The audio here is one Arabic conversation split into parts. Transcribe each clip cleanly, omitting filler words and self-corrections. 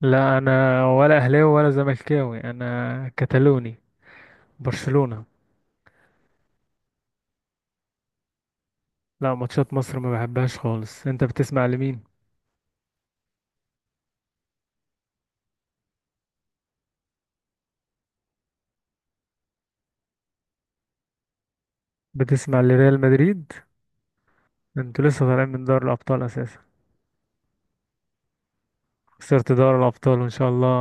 لا، انا ولا اهلاوي ولا زملكاوي، انا كتالوني. برشلونة. لا، ماتشات مصر ما بحبهاش خالص. انت بتسمع لمين؟ بتسمع لريال مدريد؟ انتوا لسه طالعين من دوري الابطال اساسا. خسرت دوري الابطال، وان شاء الله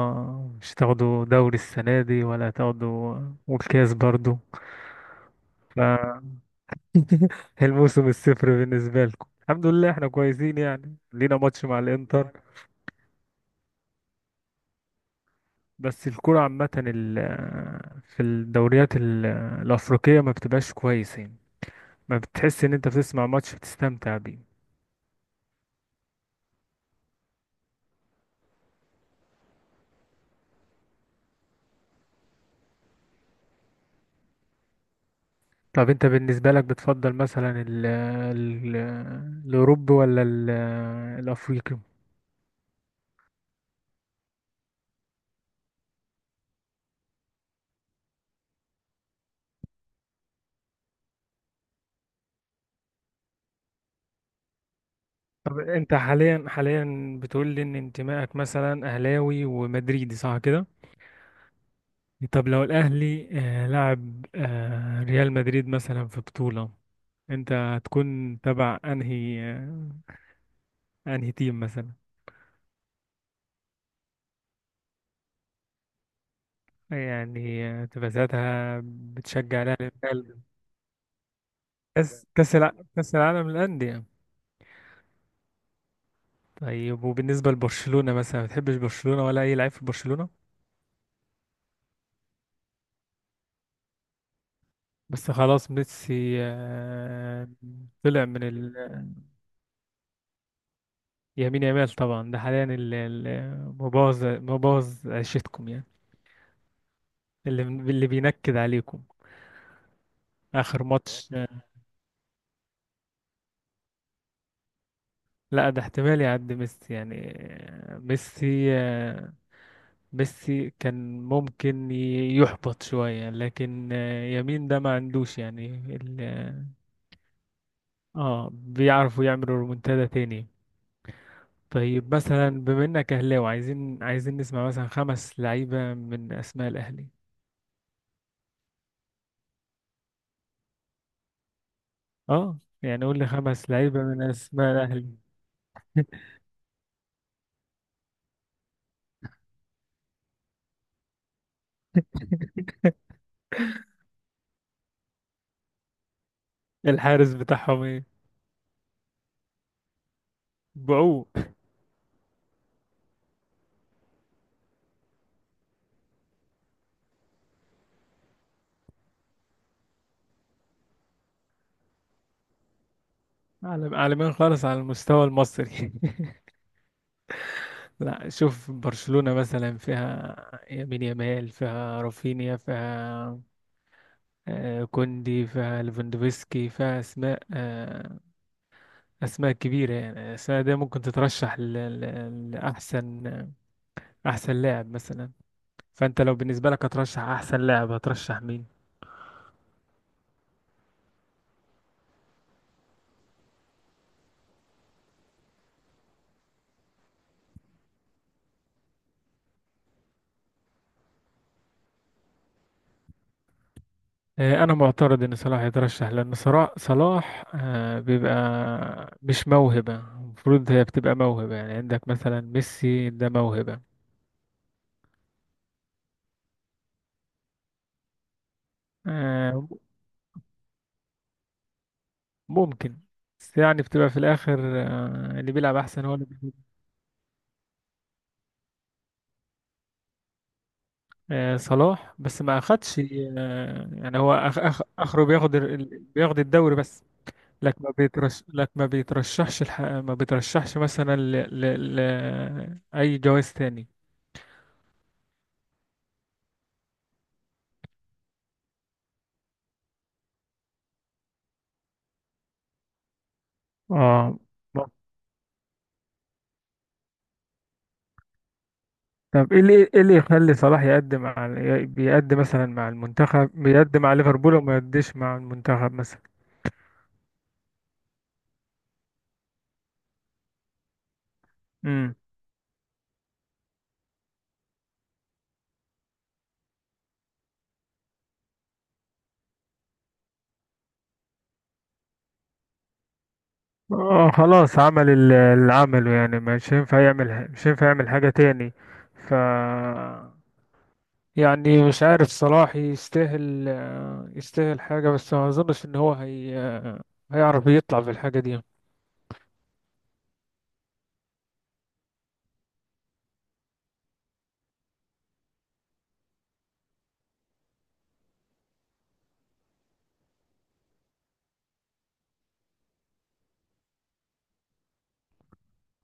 مش تاخدوا دوري السنة دي ولا تاخدوا. والكاس برضو. ف الموسم الصفر بالنسبة لكم. الحمد لله احنا كويسين، يعني لينا ماتش مع الانتر. بس الكرة عامة في الدوريات الأفريقية ما بتبقاش كويسين. ما بتحس ان انت بتسمع ماتش بتستمتع بيه. طب انت بالنسبة لك بتفضل مثلا ال الاوروبي ولا ال الافريقي؟ طب انت حاليا بتقول لي ان انتمائك مثلا اهلاوي ومدريدي، صح كده؟ طب لو الاهلي لعب ريال مدريد مثلا في بطولة، انت هتكون تبع انهي انهي تيم مثلا؟ يعني تبقى ساعتها بتشجع الاهلي من قلبك. كاس كاس العالم للانديه. طيب وبالنسبة لبرشلونة مثلا، ما بتحبش برشلونة ولا أي لعيب في برشلونة؟ بس خلاص ميسي طلع من ال يمين يمال. طبعا ده حاليا مبوظ عيشتكم يعني. اللي بينكد عليكم. آخر ماتش لا، ده احتمال يعدي ميسي يعني. ميسي ميسي كان ممكن يحبط شوية، لكن يمين ده ما عندوش يعني اه، بيعرفوا يعملوا رومنتادا تاني. طيب مثلا بما انك اهلاوي، عايزين نسمع مثلا خمس لعيبه من اسماء الاهلي. اه يعني قول لي خمس لعيبه من اسماء الاهلي. الحارس بتاعهم ايه؟ بعوق. عالم عالمين خالص على المستوى المصري. لا شوف برشلونه مثلا فيها يمين يمال، فيها رافينيا، فيها كوندي، فيها ليفاندوفسكي، فيها اسماء اسماء كبيره يعني. الاسماء دي ممكن تترشح لاحسن احسن لاعب مثلا. فانت لو بالنسبه لك هترشح احسن لاعب، هترشح مين؟ انا معترض ان صلاح يترشح. لان صلاح صلاح بيبقى مش موهبه، المفروض هي بتبقى موهبه. يعني عندك مثلا ميسي، ده موهبه. آه، ممكن، بس يعني بتبقى في الاخر اللي بيلعب احسن هو اللي بيجيب. صلاح بس ما اخدش يعني هو أخ اخره بياخد بياخد الدوري بس. لك ما بيترش، لك ما بيترشحش ما بيترشحش مثلا أي جواز تاني. اه. طب ايه اللي، ايه اللي يخلي صلاح يقدم على بيقدم مثلا مع المنتخب، بيقدم على ليفربول وما يقدمش مع المنتخب مثلا؟ امم. اه خلاص، عمل اللي عمله، يعني مش هينفع يعمل مش هينفع يعمل حاجة تاني. ف يعني مش عارف صلاح يستاهل يستاهل حاجة، بس ما اظنش ان هو هيعرف يطلع بالحاجة دي.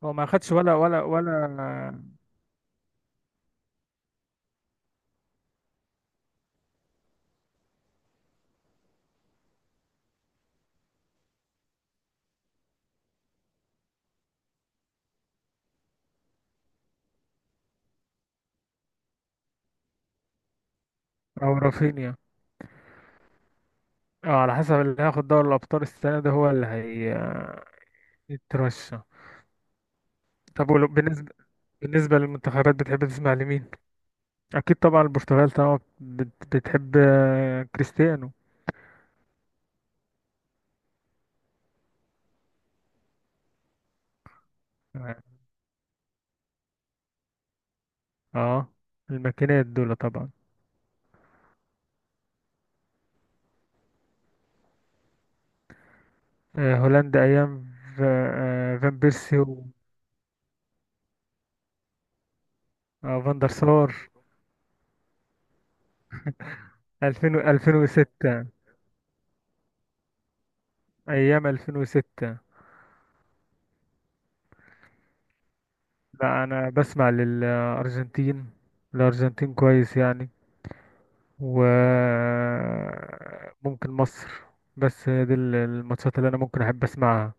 هو ما خدش، ولا ولا. او رافينيا. اه، على حسب اللي هياخد دوري الابطال السنه ده هو اللي هيترشح. طب بالنسبه للمنتخبات بتحب تسمع لمين؟ اكيد طبعا البرتغال طبعا بتحب كريستيانو. اه الماكينات دول طبعا. هولندا ايام فان بيرسي فان دير سار. 2000، 2006. ايام 2006. لا انا بسمع للارجنتين، الارجنتين كويس يعني. وممكن مصر. بس هي دي الماتشات اللي انا ممكن احب اسمعها.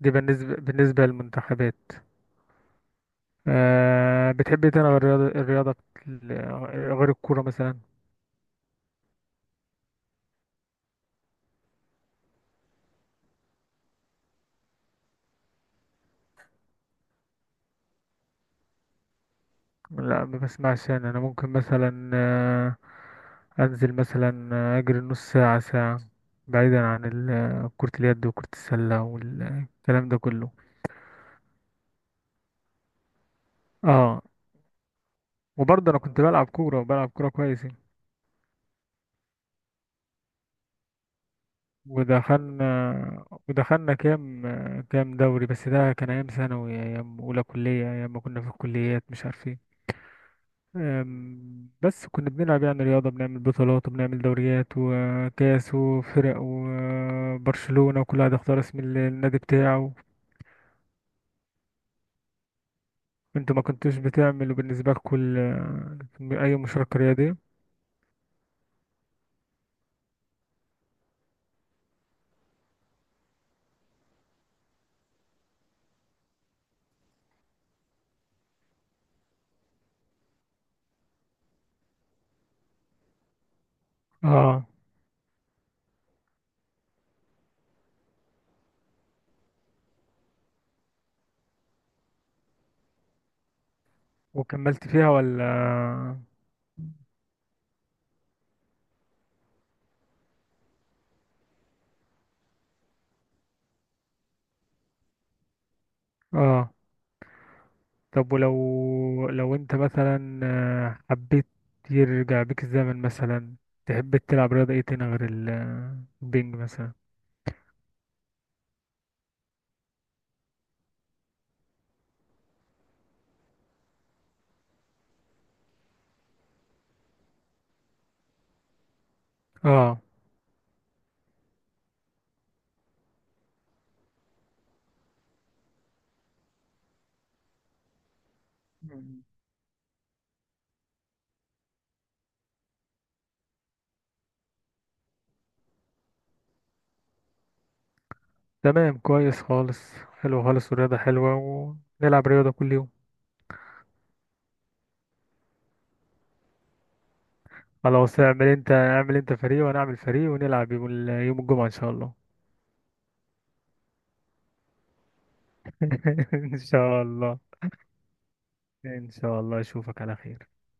دي بالنسبة، بالنسبة للمنتخبات. أه بتحب ايه تاني غير الرياضة، الرياضة غير الكورة مثلا؟ لا ما بسمعش. انا انا ممكن مثلا انزل مثلا اجري نص ساعة ساعة، بعيدا عن كرة اليد وكرة السلة والكلام ده كله. اه، وبرضه انا كنت بلعب كورة، وبلعب كورة كويس يعني. ودخلنا كام كام دوري، بس ده كان أيام ثانوي، أيام أولى كلية، أيام ما كنا في الكليات، مش عارفين. أم، بس كنا بنلعب يعني رياضة، بنعمل بطولات وبنعمل دوريات وكاس وفرق وبرشلونة، وكل واحد اختار اسم النادي بتاعه. انتوا ما كنتوش بتعملوا بالنسبة لكم أي مشاركة رياضية؟ اه. وكملت فيها ولا؟ اه. طب ولو لو انت مثلا حبيت يرجع بيك الزمن مثلا، تحب تلعب رياضة ايه تاني غير البينج مثلا؟ اه. مم. تمام، كويس خالص، حلو خالص، والرياضة حلوة، ونلعب رياضة كل يوم. خلاص، اعمل انت، اعمل انت فريق وانا اعمل فريق، ونلعب يوم يوم الجمعة ان شاء الله. ان شاء الله. ان شاء الله اشوفك على خير.